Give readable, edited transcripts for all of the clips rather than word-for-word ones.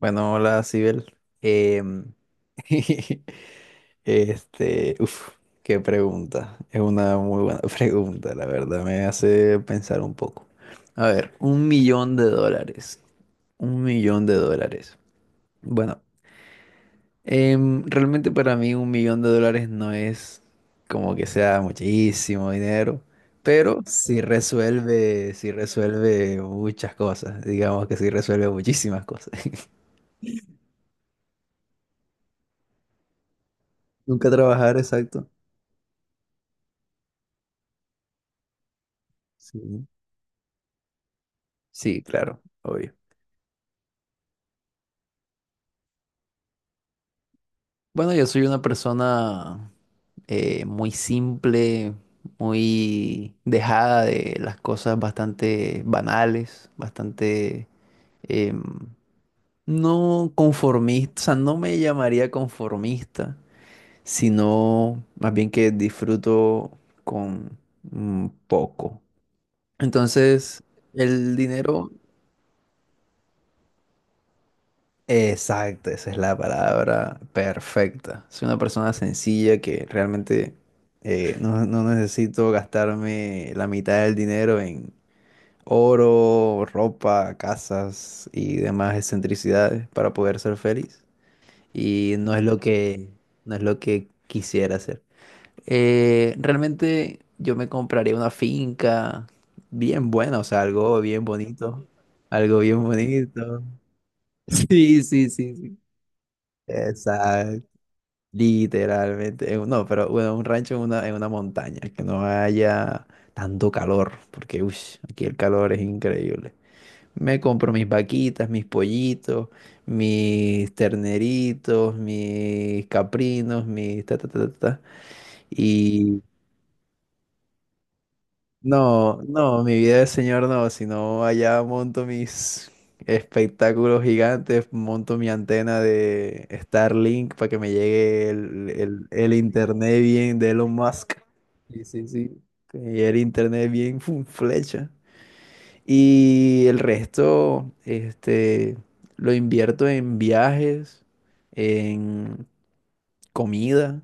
Bueno, hola, Sibel. Em, este, uf, qué pregunta. Es una muy buena pregunta, la verdad. Me hace pensar un poco. A ver, un millón de dólares. Un millón de dólares. Bueno, realmente para mí un millón de dólares no es como que sea muchísimo dinero, pero sí resuelve muchas cosas. Digamos que sí resuelve muchísimas cosas. Nunca trabajar, exacto. Sí. Sí, claro, obvio. Bueno, yo soy una persona muy simple, muy dejada de las cosas bastante banales, bastante em, no conformista, o sea, no me llamaría conformista, sino más bien que disfruto con poco. Entonces, el dinero. Exacto, esa es la palabra perfecta. Soy una persona sencilla que realmente no necesito gastarme la mitad del dinero en oro, ropa, casas y demás excentricidades para poder ser feliz. Y no es lo que quisiera hacer. Realmente yo me compraría una finca bien buena, o sea, algo bien bonito. Algo bien bonito. Sí, sí, sí, sí. Exacto, literalmente. No, pero bueno, un rancho en una montaña, que no haya tanto calor, porque ush, aquí el calor es increíble. Me compro mis vaquitas, mis pollitos, mis terneritos, mis caprinos, mis ta ta ta ta ta, y no, no, mi vida de señor no, sino allá monto mis espectáculos gigantes, monto mi antena de Starlink para que me llegue el, el internet bien de Elon Musk. Sí, sí, sí. Que me llegue el internet bien fum, flecha. Y el resto, este, lo invierto en viajes, comida,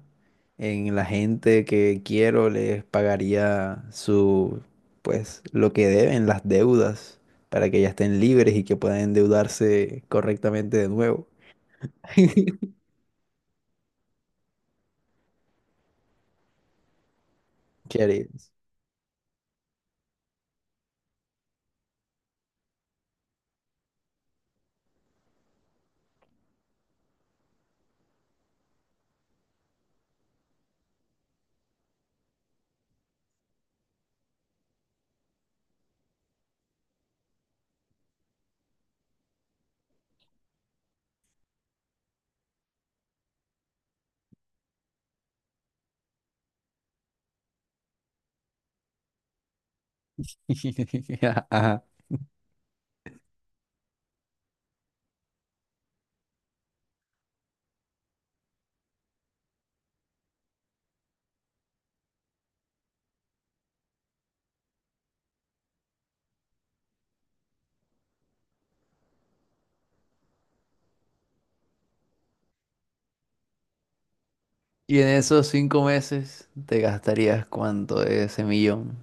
en la gente que quiero les pagaría su, pues, lo que deben, las deudas, para que ya estén libres y que puedan endeudarse correctamente de nuevo. ¿Qué harías? Ajá. Y en esos 5 meses te gastarías cuánto de ese millón.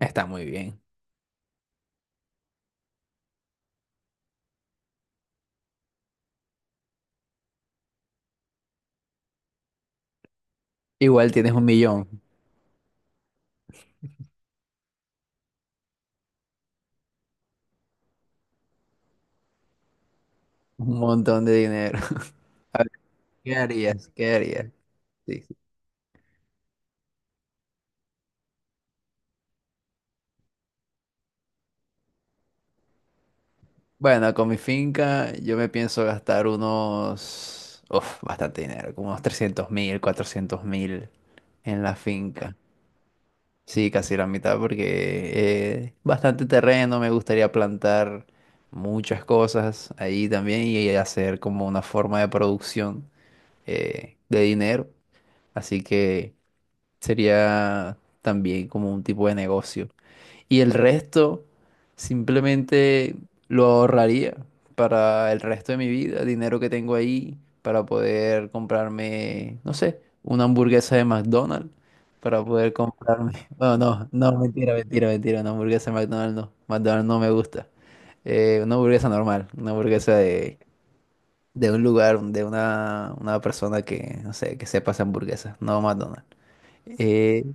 Está muy bien. Igual tienes un millón, un montón de dinero. A ver, ¿qué harías? ¿Qué harías? Sí. Bueno, con mi finca yo me pienso gastar unos, uf, bastante dinero, como unos 300.000, 400.000 en la finca. Sí, casi la mitad porque bastante terreno, me gustaría plantar muchas cosas ahí también y hacer como una forma de producción de dinero. Así que sería también como un tipo de negocio. Y el resto simplemente lo ahorraría para el resto de mi vida, dinero que tengo ahí para poder comprarme, no sé, una hamburguesa de McDonald's, para poder comprarme, bueno, no, no, mentira, mentira, mentira, una hamburguesa de McDonald's no me gusta. Una hamburguesa normal, una hamburguesa de un lugar, de una persona que, no sé, que sepa hacer hamburguesas, no McDonald's. Eh,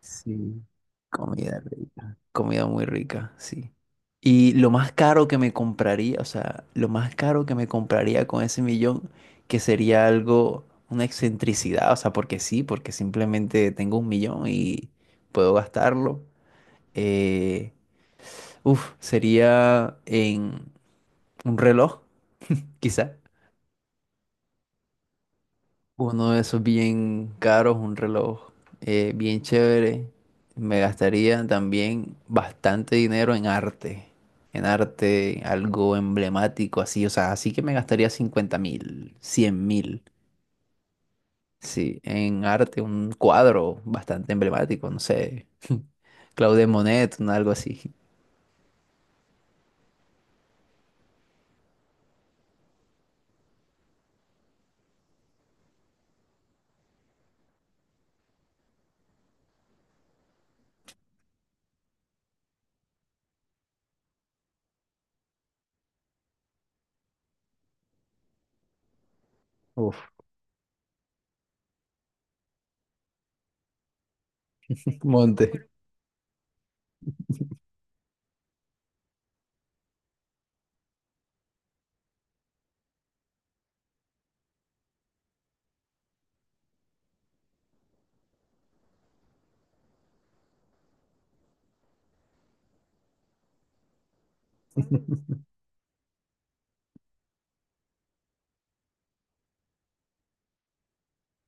Sí, comida rica, comida muy rica, sí. Y lo más caro que me compraría, o sea, lo más caro que me compraría con ese millón, que sería algo, una excentricidad, o sea, porque sí, porque simplemente tengo un millón y puedo gastarlo. Eh, uf, sería en un reloj, quizá. Uno de esos bien caros, un reloj bien chévere. Me gastaría también bastante dinero en arte. En arte, algo emblemático así. O sea, así que me gastaría 50.000, 100.000. Sí, en arte, un cuadro bastante emblemático, no sé. Claude Monet, un algo así. Uf, monte.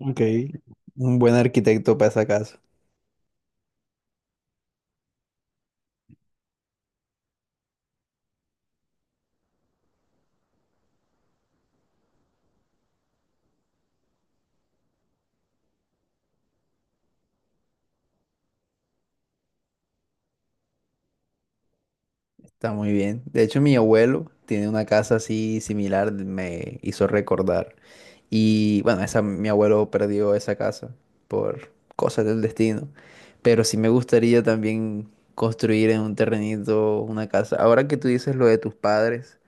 Ok, un buen arquitecto para esa casa. Está muy bien. De hecho, mi abuelo tiene una casa así similar, me hizo recordar. Y bueno, esa, mi abuelo perdió esa casa por cosas del destino. Pero sí me gustaría también construir en un terrenito una casa. Ahora que tú dices lo de tus padres,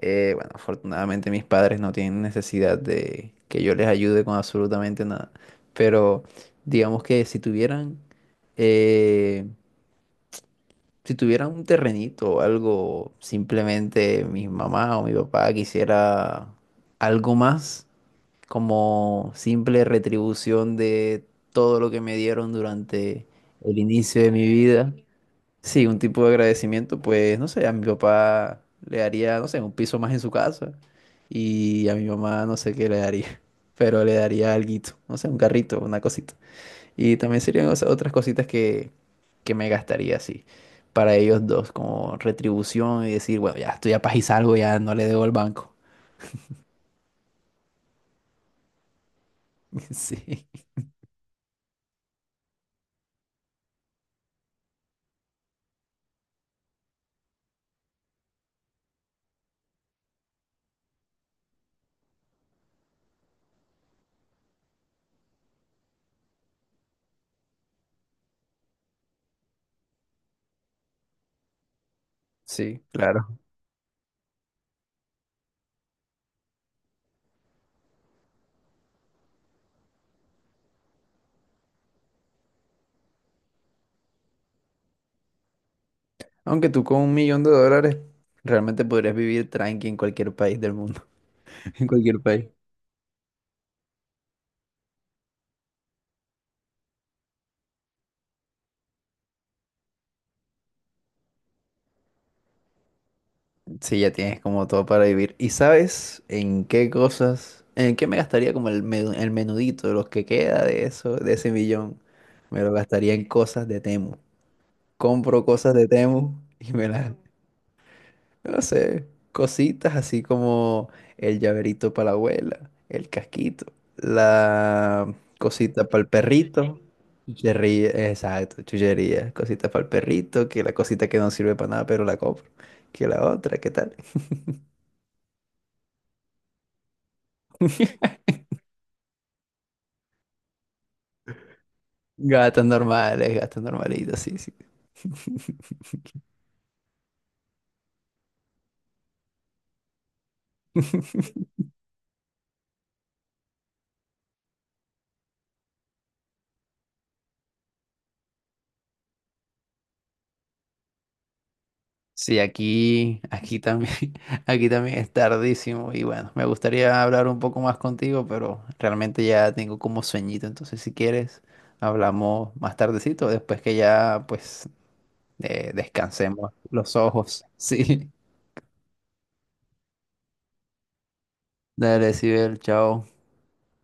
bueno, afortunadamente mis padres no tienen necesidad de que yo les ayude con absolutamente nada. Pero digamos que eh, si tuviera un terrenito o algo, simplemente mi mamá o mi papá quisiera algo más como simple retribución de todo lo que me dieron durante el inicio de mi vida. Sí, un tipo de agradecimiento, pues no sé, a mi papá le daría, no sé, un piso más en su casa y a mi mamá no sé qué le daría, pero le daría alguito, no sé, un carrito, una cosita. Y también serían o sea, otras cositas que me gastaría así para ellos dos, como retribución y decir, bueno, ya estoy a paz y salgo, ya no le debo al banco. Sí, sí, claro. Aunque tú con un millón de dólares realmente podrías vivir tranqui en cualquier país del mundo. En cualquier país. Sí, ya tienes como todo para vivir. ¿Y sabes en qué cosas, en qué me gastaría como el menudito, los que queda de eso, de ese millón? Me lo gastaría en cosas de Temu. Compro cosas de Temu y me las, no sé, cositas así como el llaverito para la abuela, el casquito, la cosita para el perrito, chuchería, exacto, chuchería, cosita para el perrito, que la cosita que no sirve para nada, pero la compro, que la otra, ¿qué tal? Gatos normales, gatos normalitos, sí, sí. Sí, aquí también, aquí también es tardísimo y bueno, me gustaría hablar un poco más contigo, pero realmente ya tengo como sueñito, entonces si quieres hablamos más tardecito, después que ya pues descansemos los ojos. Sí, dale, Sibel, chao.